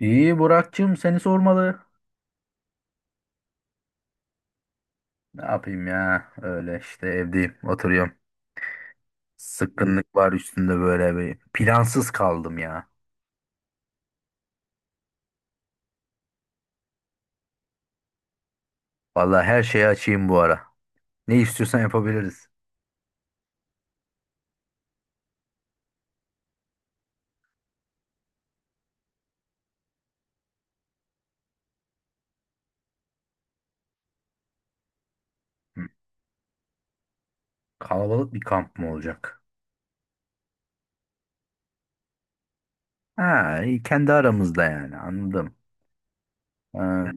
İyi Burak'cığım seni sormalı. Ne yapayım ya? Öyle işte evdeyim, oturuyorum. Sıkkınlık var üstünde böyle bir. Plansız kaldım ya. Vallahi her şeye açayım bu ara. Ne istiyorsan yapabiliriz. Hı. Kalabalık bir kamp mı olacak? Ha, iyi, kendi aramızda yani anladım. Ha,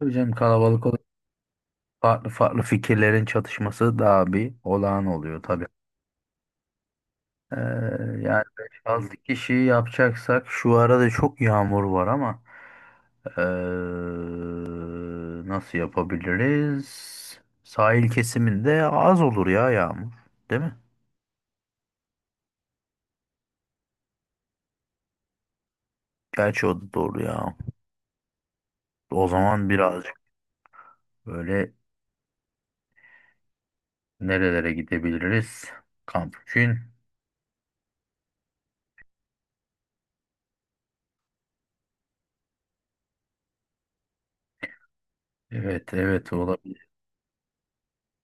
tabii canım kalabalık olur. Farklı farklı fikirlerin çatışması daha bir olağan oluyor tabii. Ee, yani 5-6 kişi yapacaksak şu arada çok yağmur var ama ee, nasıl yapabiliriz? Sahil kesiminde az olur ya yağmur, değil mi? Gerçi o da doğru ya. O zaman birazcık böyle nerelere gidebiliriz? Kamp için. Evet evet olabilir.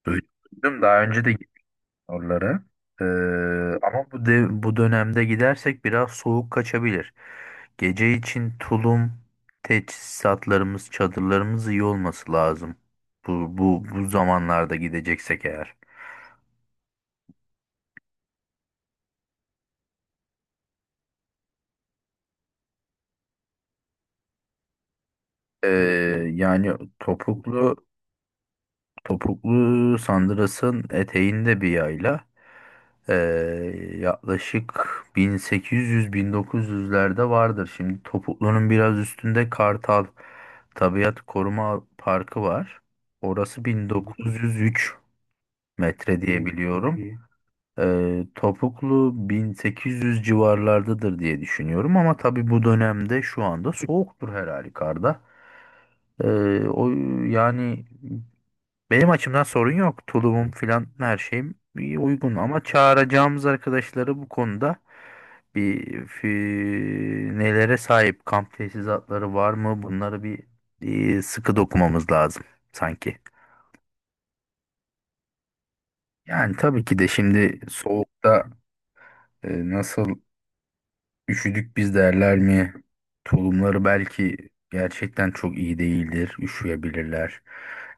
Duydum. Daha önce de oraları. Ee, Ama bu dönemde gidersek biraz soğuk kaçabilir. Gece için tulum, teçhizatlarımız, çadırlarımız iyi olması lazım. Bu zamanlarda gideceksek eğer. Ee, yani topuklu topuklu sandırasın eteğinde bir yayla. Ee, Yaklaşık 1800-1900'lerde vardır. Şimdi Topuklu'nun biraz üstünde Kartal Tabiat Koruma Parkı var. Orası 1903 metre diye biliyorum. Topuklu 1800 civarlardadır diye düşünüyorum ama tabii bu dönemde şu anda soğuktur her halükarda. Ee, o yani benim açımdan sorun yok. Tulumum filan her şeyim iyi, uygun ama çağıracağımız arkadaşları bu konuda nelere sahip kamp tesisatları var mı? Bunları bir sıkı dokumamız lazım sanki. Yani tabii ki de şimdi soğukta nasıl üşüdük biz derler mi? Tulumları belki gerçekten çok iyi değildir. Üşüyebilirler.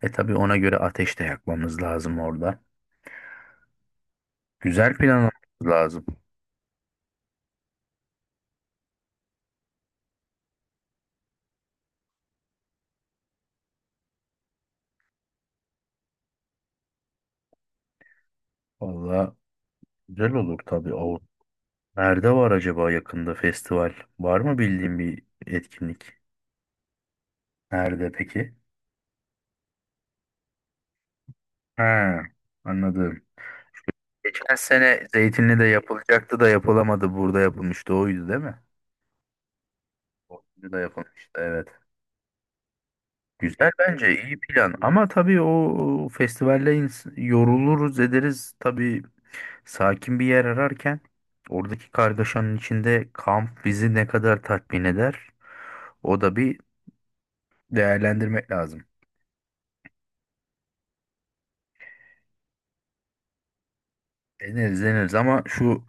E tabii ona göre ateş de yakmamız lazım orada. Güzel planlamamız lazım. Valla güzel olur tabii o. Nerede var acaba yakında festival? Var mı bildiğin bir etkinlik? Nerede peki? Ha, anladım. Geçen sene Zeytinli'de yapılacaktı da yapılamadı. Burada yapılmıştı oydu değil mi? Orada da yapılmıştı evet. Güzel bence iyi plan ama tabii o festivalle yoruluruz ederiz. Tabii sakin bir yer ararken oradaki kargaşanın içinde kamp bizi ne kadar tatmin eder? O da bir değerlendirmek lazım. Deneriz deneriz ama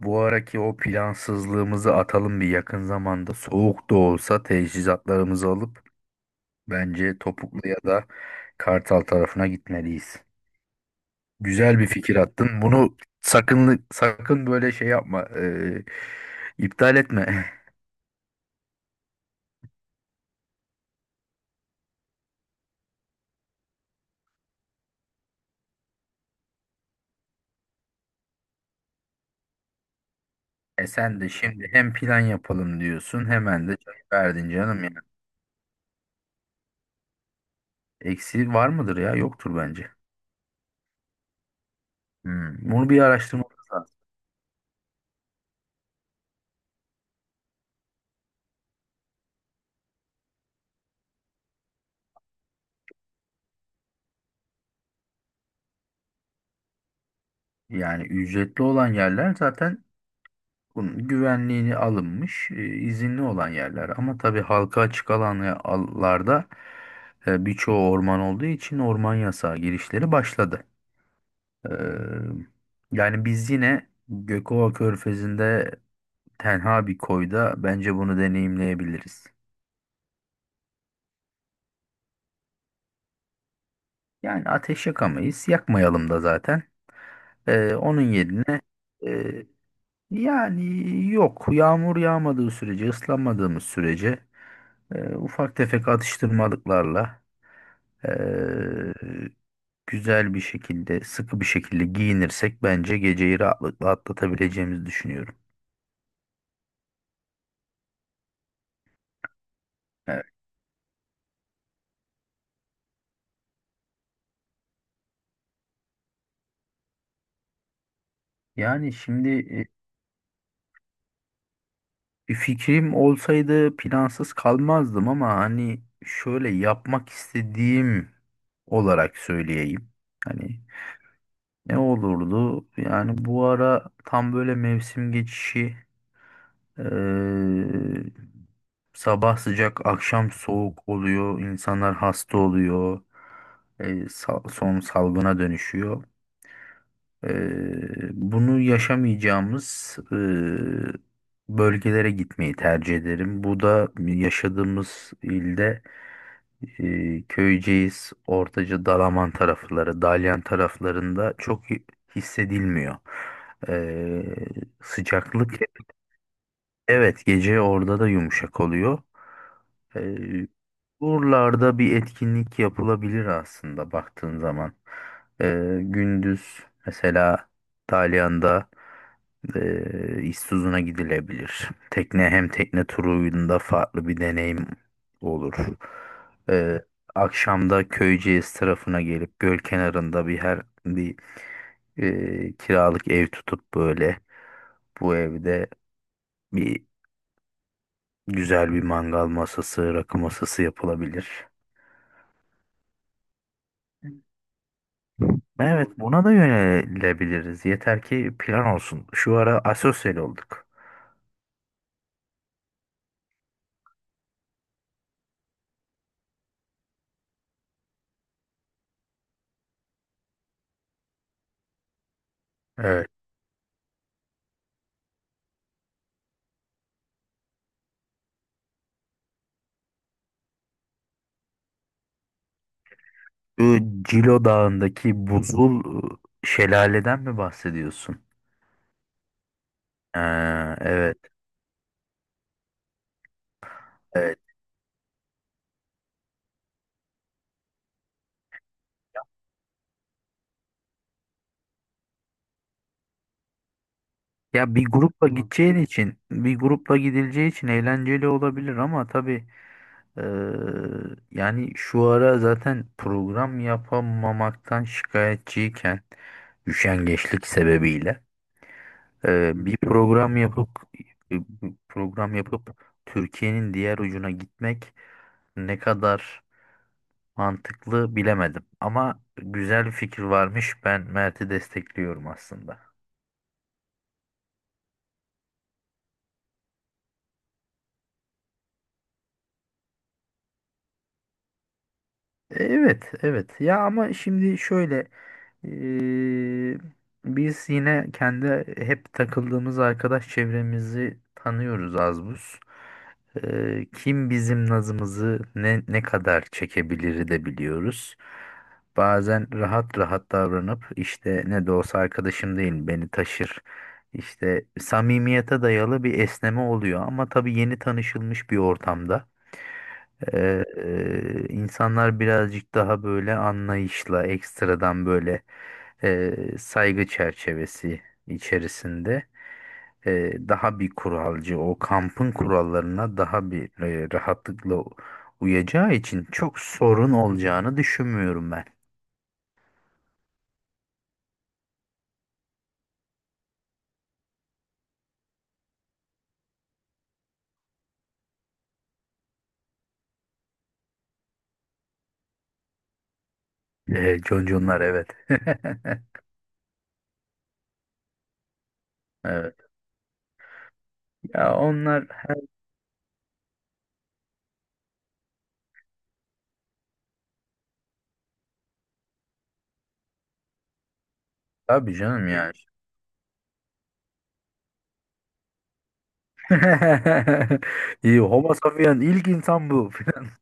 bu araki o plansızlığımızı atalım bir yakın zamanda. Soğuk da olsa teçhizatlarımızı alıp bence Topuklu ya da Kartal tarafına gitmeliyiz. Güzel bir fikir attın. Bunu sakın sakın böyle şey yapma, iptal etme. E sen de şimdi hem plan yapalım diyorsun hemen de çay verdin canım ya. Eksiği var mıdır ya? Yoktur bence. Bunu bir araştırma. Yani ücretli olan yerler zaten bunun güvenliğini alınmış, izinli olan yerler. Ama tabii halka açık alanlarda birçoğu orman olduğu için orman yasağı girişleri başladı. Ee, yani biz yine Gökova Körfezi'nde tenha bir koyda bence bunu deneyimleyebiliriz. Yani ateş yakamayız, yakmayalım da zaten. Onun yerine e, yani yok yağmur yağmadığı sürece, ıslanmadığımız sürece. Ufak tefek atıştırmalıklarla ee, güzel bir şekilde, sıkı bir şekilde giyinirsek bence geceyi rahatlıkla atlatabileceğimizi düşünüyorum. Evet. Yani şimdi bir fikrim olsaydı plansız kalmazdım ama hani şöyle yapmak istediğim olarak söyleyeyim. Hani ne olurdu? Yani bu ara tam böyle mevsim geçişi. e, Sabah sıcak, akşam soğuk oluyor. İnsanlar hasta oluyor. Son salgına dönüşüyor. Bunu yaşamayacağımız bölgelere gitmeyi tercih ederim. Bu da yaşadığımız ilde Köyceğiz, Ortaca, Dalaman tarafları, Dalyan taraflarında çok hissedilmiyor. E, Sıcaklık evet, gece orada da yumuşak oluyor. Ee, Buralarda bir etkinlik yapılabilir aslında baktığın zaman. Gündüz mesela Dalyan'da İztuzu'na gidilebilir. Tekne turunda farklı bir deneyim olur. Ee, Akşamda Köyceğiz tarafına gelip göl kenarında her bir kiralık ev tutup böyle bu evde bir güzel bir mangal masası, rakı masası yapılabilir. Evet, buna da yönelebiliriz. Yeter ki plan olsun. Şu ara asosyal olduk. Evet. Bu Cilo Dağı'ndaki buzul şelaleden mi bahsediyorsun? Ha, evet, evet. Ya bir grupla gideceğin için, bir grupla gidileceği için eğlenceli olabilir ama tabii, e, şu ara zaten program yapamamaktan şikayetçiyken üşengeçlik sebebiyle bir e, program yapıp Türkiye'nin diğer ucuna gitmek ne kadar mantıklı bilemedim. Ama güzel bir fikir varmış. Ben Mert'i destekliyorum aslında. Evet, evet. Ya ama şimdi şöyle, eee, biz yine kendi hep takıldığımız arkadaş çevremizi tanıyoruz az buz. Kim bizim nazımızı ne kadar çekebilir de biliyoruz. Bazen rahat rahat davranıp işte ne de olsa arkadaşım değil beni taşır. İşte samimiyete dayalı bir esneme oluyor ama tabii yeni tanışılmış bir ortamda. İnsanlar birazcık daha böyle anlayışla, ekstradan böyle saygı çerçevesi içerisinde, daha bir kuralcı, o kampın kurallarına daha bir rahatlıkla uyacağı için çok sorun olacağını düşünmüyorum ben. Conconlar evet. Evet. Ya onlar tabii canım yani. İyi, Homo sapien ilk insan bu.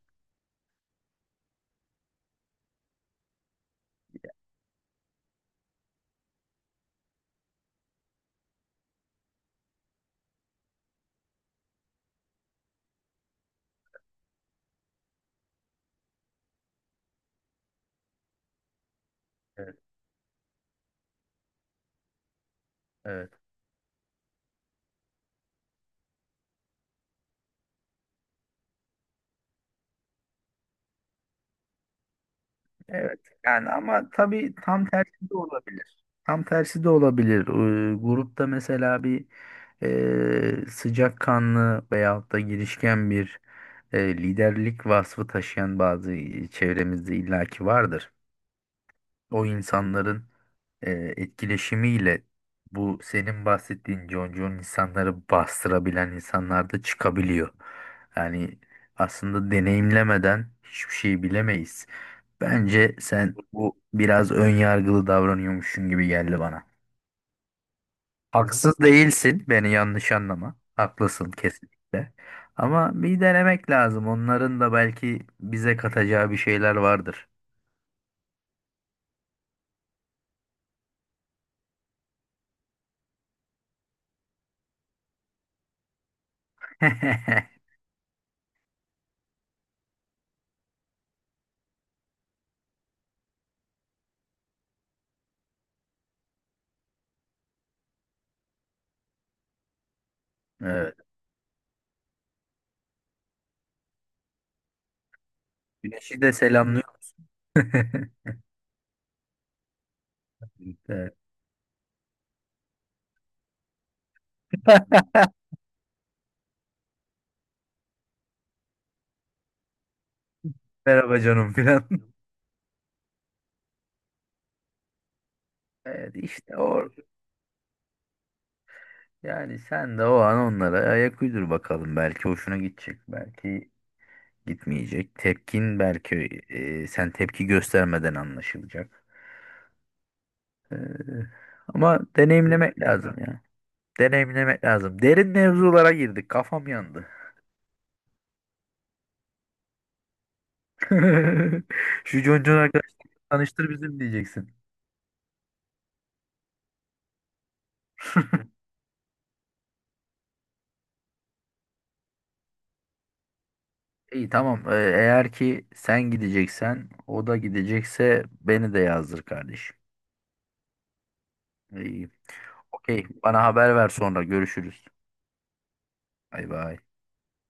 Evet. Evet. Evet yani, ama tabii tam tersi de olabilir. Tam tersi de olabilir. Grupta mesela bir sıcakkanlı veyahut da girişken bir, liderlik vasfı taşıyan bazı çevremizde illaki vardır. O insanların e, etkileşimiyle bu senin bahsettiğin concon insanları bastırabilen insanlar da çıkabiliyor. Yani aslında deneyimlemeden hiçbir şey bilemeyiz. Bence sen bu biraz ön yargılı davranıyormuşsun gibi geldi bana. Haksız değilsin, beni yanlış anlama. Haklısın kesinlikle. Ama bir denemek lazım. Onların da belki bize katacağı bir şeyler vardır. Evet. Güneşi de selamlıyor musun? Evet. Merhaba canım filan. Evet işte o, yani sen de o an onlara ayak uydur bakalım, belki hoşuna gidecek, belki gitmeyecek. Tepkin belki, sen tepki göstermeden anlaşılacak. E, Ama deneyimlemek lazım ya. Deneyimlemek lazım. Derin mevzulara girdik. Kafam yandı. Şu Concun arkadaşla tanıştır bizim diyeceksin. İyi, tamam. Eğer ki sen gideceksen o da gidecekse beni de yazdır kardeşim. İyi. Okey. Bana haber ver sonra. Görüşürüz. Bay bay.